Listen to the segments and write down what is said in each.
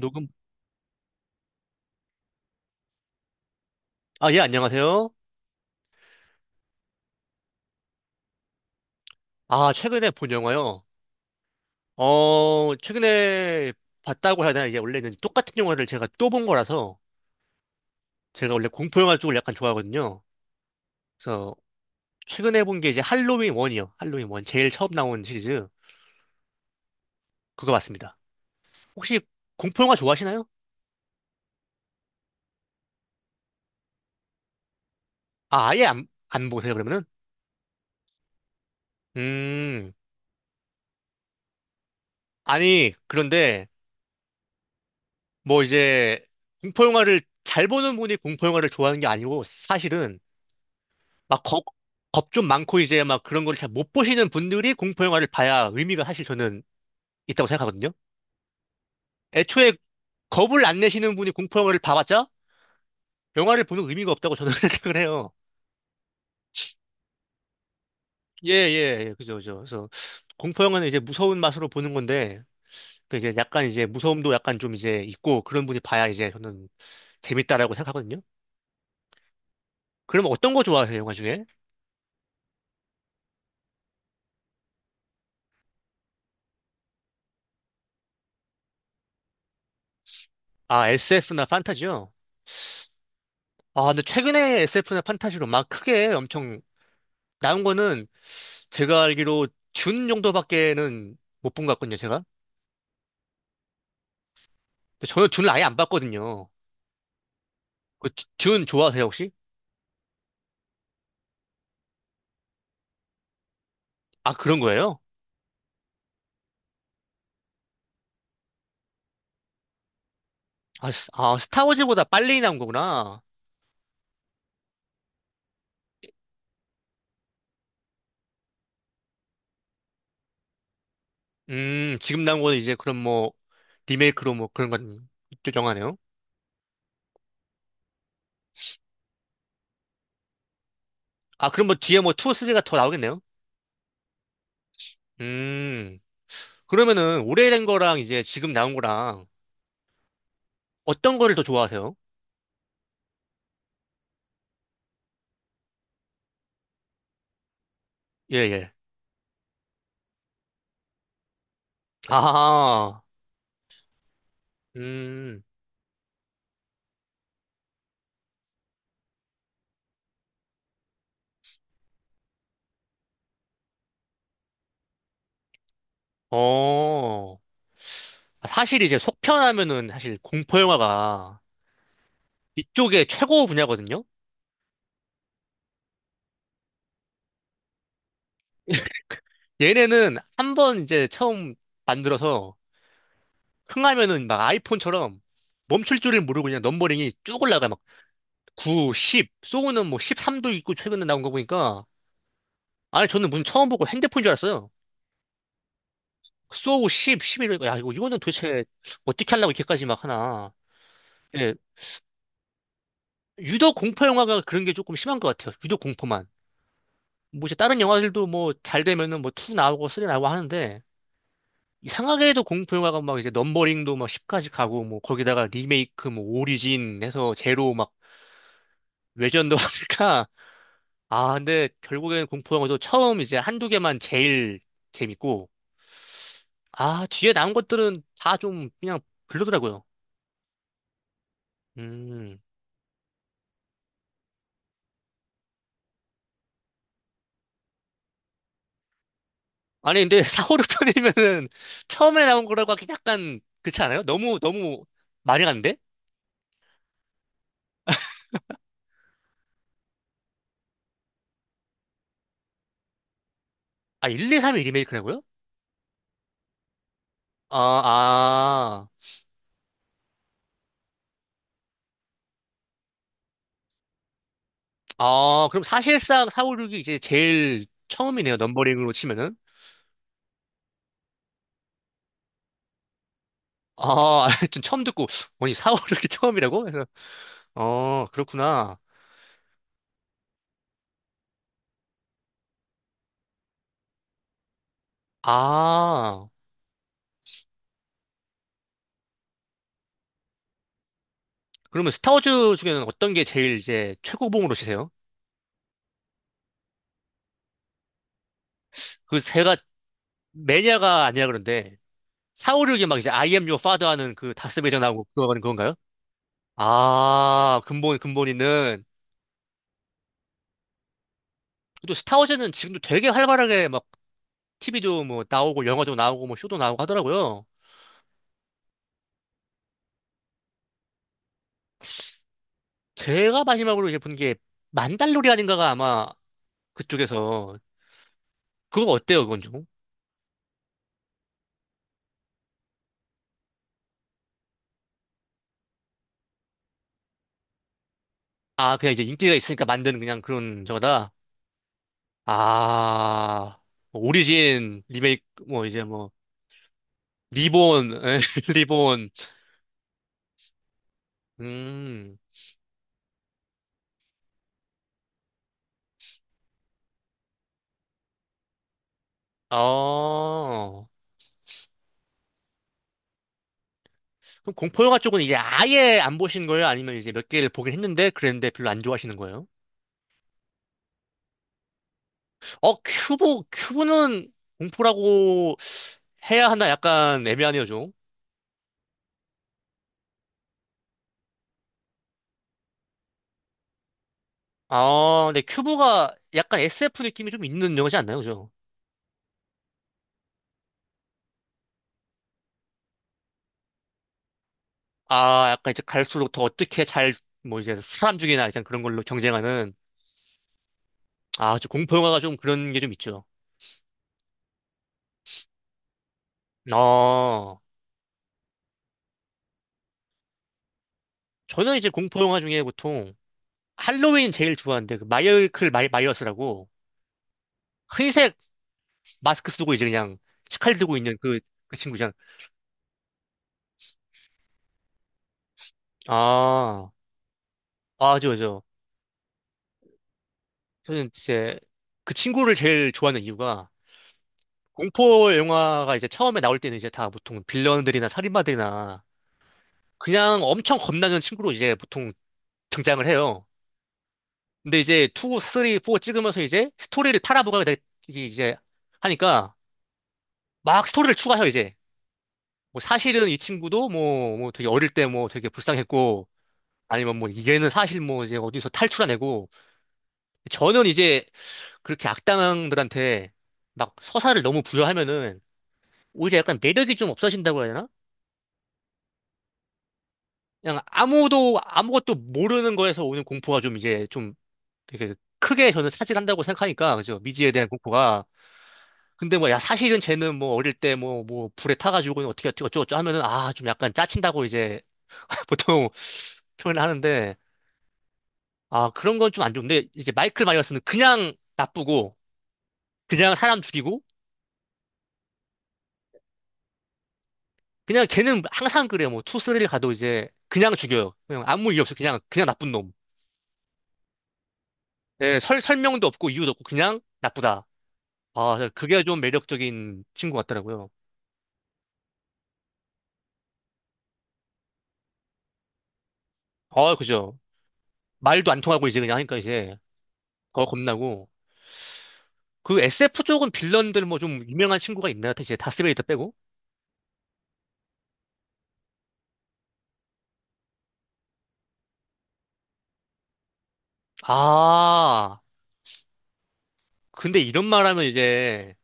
녹음. 아, 예, 안녕하세요. 아, 최근에 본 영화요. 최근에 봤다고 해야 되나? 이제 원래는 똑같은 영화를 제가 또 본 거라서 제가 원래 공포 영화 쪽을 약간 좋아하거든요. 그래서 최근에 본 게 이제 할로윈 1이요. 할로윈 1. 제일 처음 나온 시리즈. 그거 봤습니다. 혹시 공포 영화 좋아하시나요? 아, 아예 안 보세요, 그러면은? 음, 아니, 그런데 뭐 이제 공포 영화를 잘 보는 분이 공포 영화를 좋아하는 게 아니고 사실은 막 겁, 겁 좀 많고 이제 막 그런 걸 잘 못 보시는 분들이 공포 영화를 봐야 의미가 사실 저는 있다고 생각하거든요. 애초에 겁을 안 내시는 분이 공포 영화를 봐봤자 영화를 보는 의미가 없다고 저는 생각을 해요. 예, 예, 예, 그죠, 그죠. 그래서 공포 영화는 이제 무서운 맛으로 보는 건데 약간 이제 무서움도 약간 좀 이제 있고 그런 분이 봐야 이제 저는 재밌다라고 생각하거든요. 그럼 어떤 거 좋아하세요, 영화 중에? 아, SF나 판타지요? 아, 근데 최근에 SF나 판타지로 막 크게 엄청 나온 거는 제가 알기로 준 정도밖에는 못 본 것 같거든요, 제가. 근데 저는 준을 아예 안 봤거든요. 준 좋아하세요, 혹시? 아, 그런 거예요? 아, 스타워즈보다 빨리 나온 거구나. 지금 나온 건 이제 그런 뭐, 리메이크로 뭐 그런 건 영화네요. 아, 그럼 뭐 뒤에 뭐 2, 3가 더 나오겠네요? 음, 그러면은 오래된 거랑 이제 지금 나온 거랑 어떤 거를 더 좋아하세요? 예, 예. 아, 음, 어. 사실 이제 속편하면은 사실 공포 영화가 이쪽에 최고 분야거든요. 얘네는 한번 이제 처음 만들어서 흥하면은 막 아이폰처럼 멈출 줄을 모르고 그냥 넘버링이 쭉 올라가 막 9, 10, 소우는 뭐 13도 있고 최근에 나온 거 보니까 아니 저는 문 처음 보고 핸드폰 줄 알았어요. 소우 10, 11, 야 이거는 도대체 어떻게 하려고 이렇게까지 막 하나. 예, 유독 공포 영화가 그런 게 조금 심한 것 같아요. 유독 공포만. 뭐 이제 다른 영화들도 뭐 잘 되면은 뭐 2 나오고 3 나오고 하는데 이상하게 도 공포 영화가 막 이제 넘버링도 막 10까지 가고 뭐 거기다가 리메이크 뭐 오리진 해서 제로 막 외전도 하니까 아 근데 결국엔 공포 영화도 처음 이제 한두 개만 제일 재밌고 아 뒤에 나온 것들은 다 좀 그냥 별로더라고요. 음 아니 근데 사호르 편이면은 처음에 나온 거라고 하기 약간 그렇지 않아요? 너무 너무 많이 갔는데? 아 1, 2, 3이 리메이크라고요? 아 아. 아, 그럼 사실상 사우6이 이제 제일 처음이네요. 넘버링으로 치면은. 아, 좀 처음 듣고, 아니, 사우6이 처음이라고? 그래서, 어, 그렇구나. 아, 그러면 스타워즈 중에는 어떤 게 제일 이제 최고봉으로 치세요? 그 제가 매니아가 아니라 그런데, 사우6이 막 이제 I am your father 하는 그 다스베이저 나오고 그거는 그건가요? 근본 있는. 또 스타워즈는 지금도 되게 활발하게 막 TV도 뭐 나오고 영화도 나오고 뭐 쇼도 나오고 하더라고요. 제가 마지막으로 이제 본 게 만달로리안인가가 아마 그쪽에서 그거 어때요 그건 좀? 아 그냥 이제 인기가 있으니까 만든 그냥 그런 저거다. 아 뭐 오리진 리메이크 뭐 이제 뭐 리본 리본 음. 어. 그럼 공포 영화 쪽은 이제 아예 안 보신 거예요? 아니면 이제 몇 개를 보긴 했는데 그랬는데 별로 안 좋아하시는 거예요? 큐브는 공포라고 해야 하나 약간 애매하네요 좀. 아, 근데 큐브가 약간 SF 느낌이 좀 있는 영화지 않나요? 그죠? 아, 약간 이제 갈수록 더 어떻게 잘, 뭐 이제 사람 죽이나 이제 그런 걸로 경쟁하는, 아, 저 공포 영화가 좀 그런 게 좀 있죠. 어, 저는 이제 공포 영화 중에 보통 할로윈 제일 좋아하는데, 그 마이어스라고 흰색 마스크 쓰고 이제 그냥 칼 들고 있는 그, 그 친구잖아. 아, 맞아, 맞아. 저는 이제 그 친구를 제일 좋아하는 이유가 공포 영화가 이제 처음에 나올 때는 이제 다 보통 빌런들이나 살인마들이나 그냥 엄청 겁나는 친구로 이제 보통 등장을 해요. 근데 이제 2, 3, 4 찍으면서 이제 스토리를 팔아보가 이제 하니까 막 스토리를 추가해요, 이제. 뭐 사실은 이 친구도 뭐 되게 어릴 때 뭐 되게 불쌍했고 아니면 뭐 얘는 사실 뭐 이제 어디서 탈출하내고 저는 이제 그렇게 악당들한테 막 서사를 너무 부여하면은 오히려 약간 매력이 좀 없어진다고 해야 되나? 그냥 아무도 아무것도 모르는 거에서 오는 공포가 좀 이제 좀 되게 크게 저는 차지한다고 생각하니까 그죠 미지에 대한 공포가 근데 뭐 야 사실은 쟤는 뭐 어릴 때 뭐 불에 타가지고 어떻게 어쩌고저쩌고 하면은 아 좀 약간 짜친다고 이제 보통 표현을 하는데 아 그런 건 좀 안 좋은데 이제 마이클 마이어스는 그냥 나쁘고 그냥 사람 죽이고 그냥 걔는 항상 그래요 뭐 투스리를 가도 이제 그냥 죽여요 그냥 아무 이유 없이 그냥 그냥 나쁜 놈 예, 설 설명도 없고 이유도 없고 그냥 나쁘다 아, 그게 좀 매력적인 친구 같더라고요. 어, 그죠. 말도 안 통하고 이제 그냥 하니까 이제 더 겁나고. 그 SF 쪽은 빌런들 뭐 좀 유명한 친구가 있나요? 이제 다스베이더 빼고? 아, 근데 이런 말 하면 이제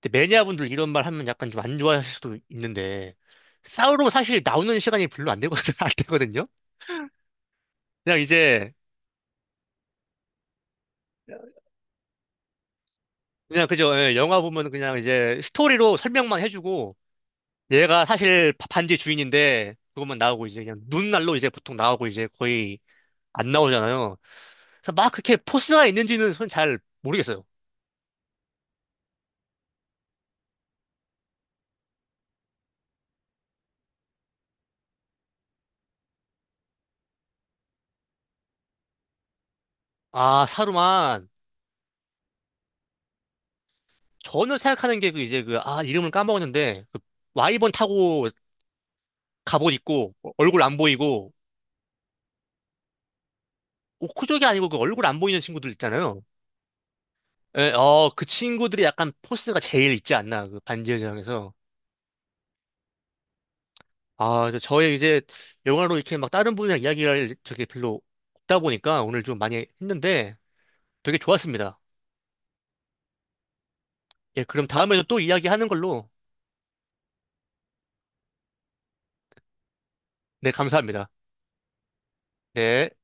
근데 매니아분들 이런 말 하면 약간 좀 안 좋아하실 수도 있는데 싸우러 사실 나오는 시간이 별로 안 되거든, 안 되거든요? 그냥 이제 그냥 그죠. 예, 영화 보면 그냥 이제 스토리로 설명만 해주고 얘가 사실 반지 주인인데 그것만 나오고 이제 그냥 눈날로 이제 보통 나오고 이제 거의 안 나오잖아요. 그래서 막 그렇게 포스가 있는지는 전 잘 모르겠어요. 아, 사루만 저는 생각하는 게 이름을 까먹었는데 그 와이번 타고 갑옷 입고 얼굴 안 보이고 오크족이 아니고 그 얼굴 안 보이는 친구들 있잖아요. 예, 어, 그 친구들이 약간 포스가 제일 있지 않나 그 반지의 제왕에서. 저의 이제 영화로 이렇게 막 다른 분이랑 이야기할 적이 별로 없다 보니까 오늘 좀 많이 했는데 되게 좋았습니다. 예, 그럼 다음에도 또 이야기하는 걸로. 네, 감사합니다. 네.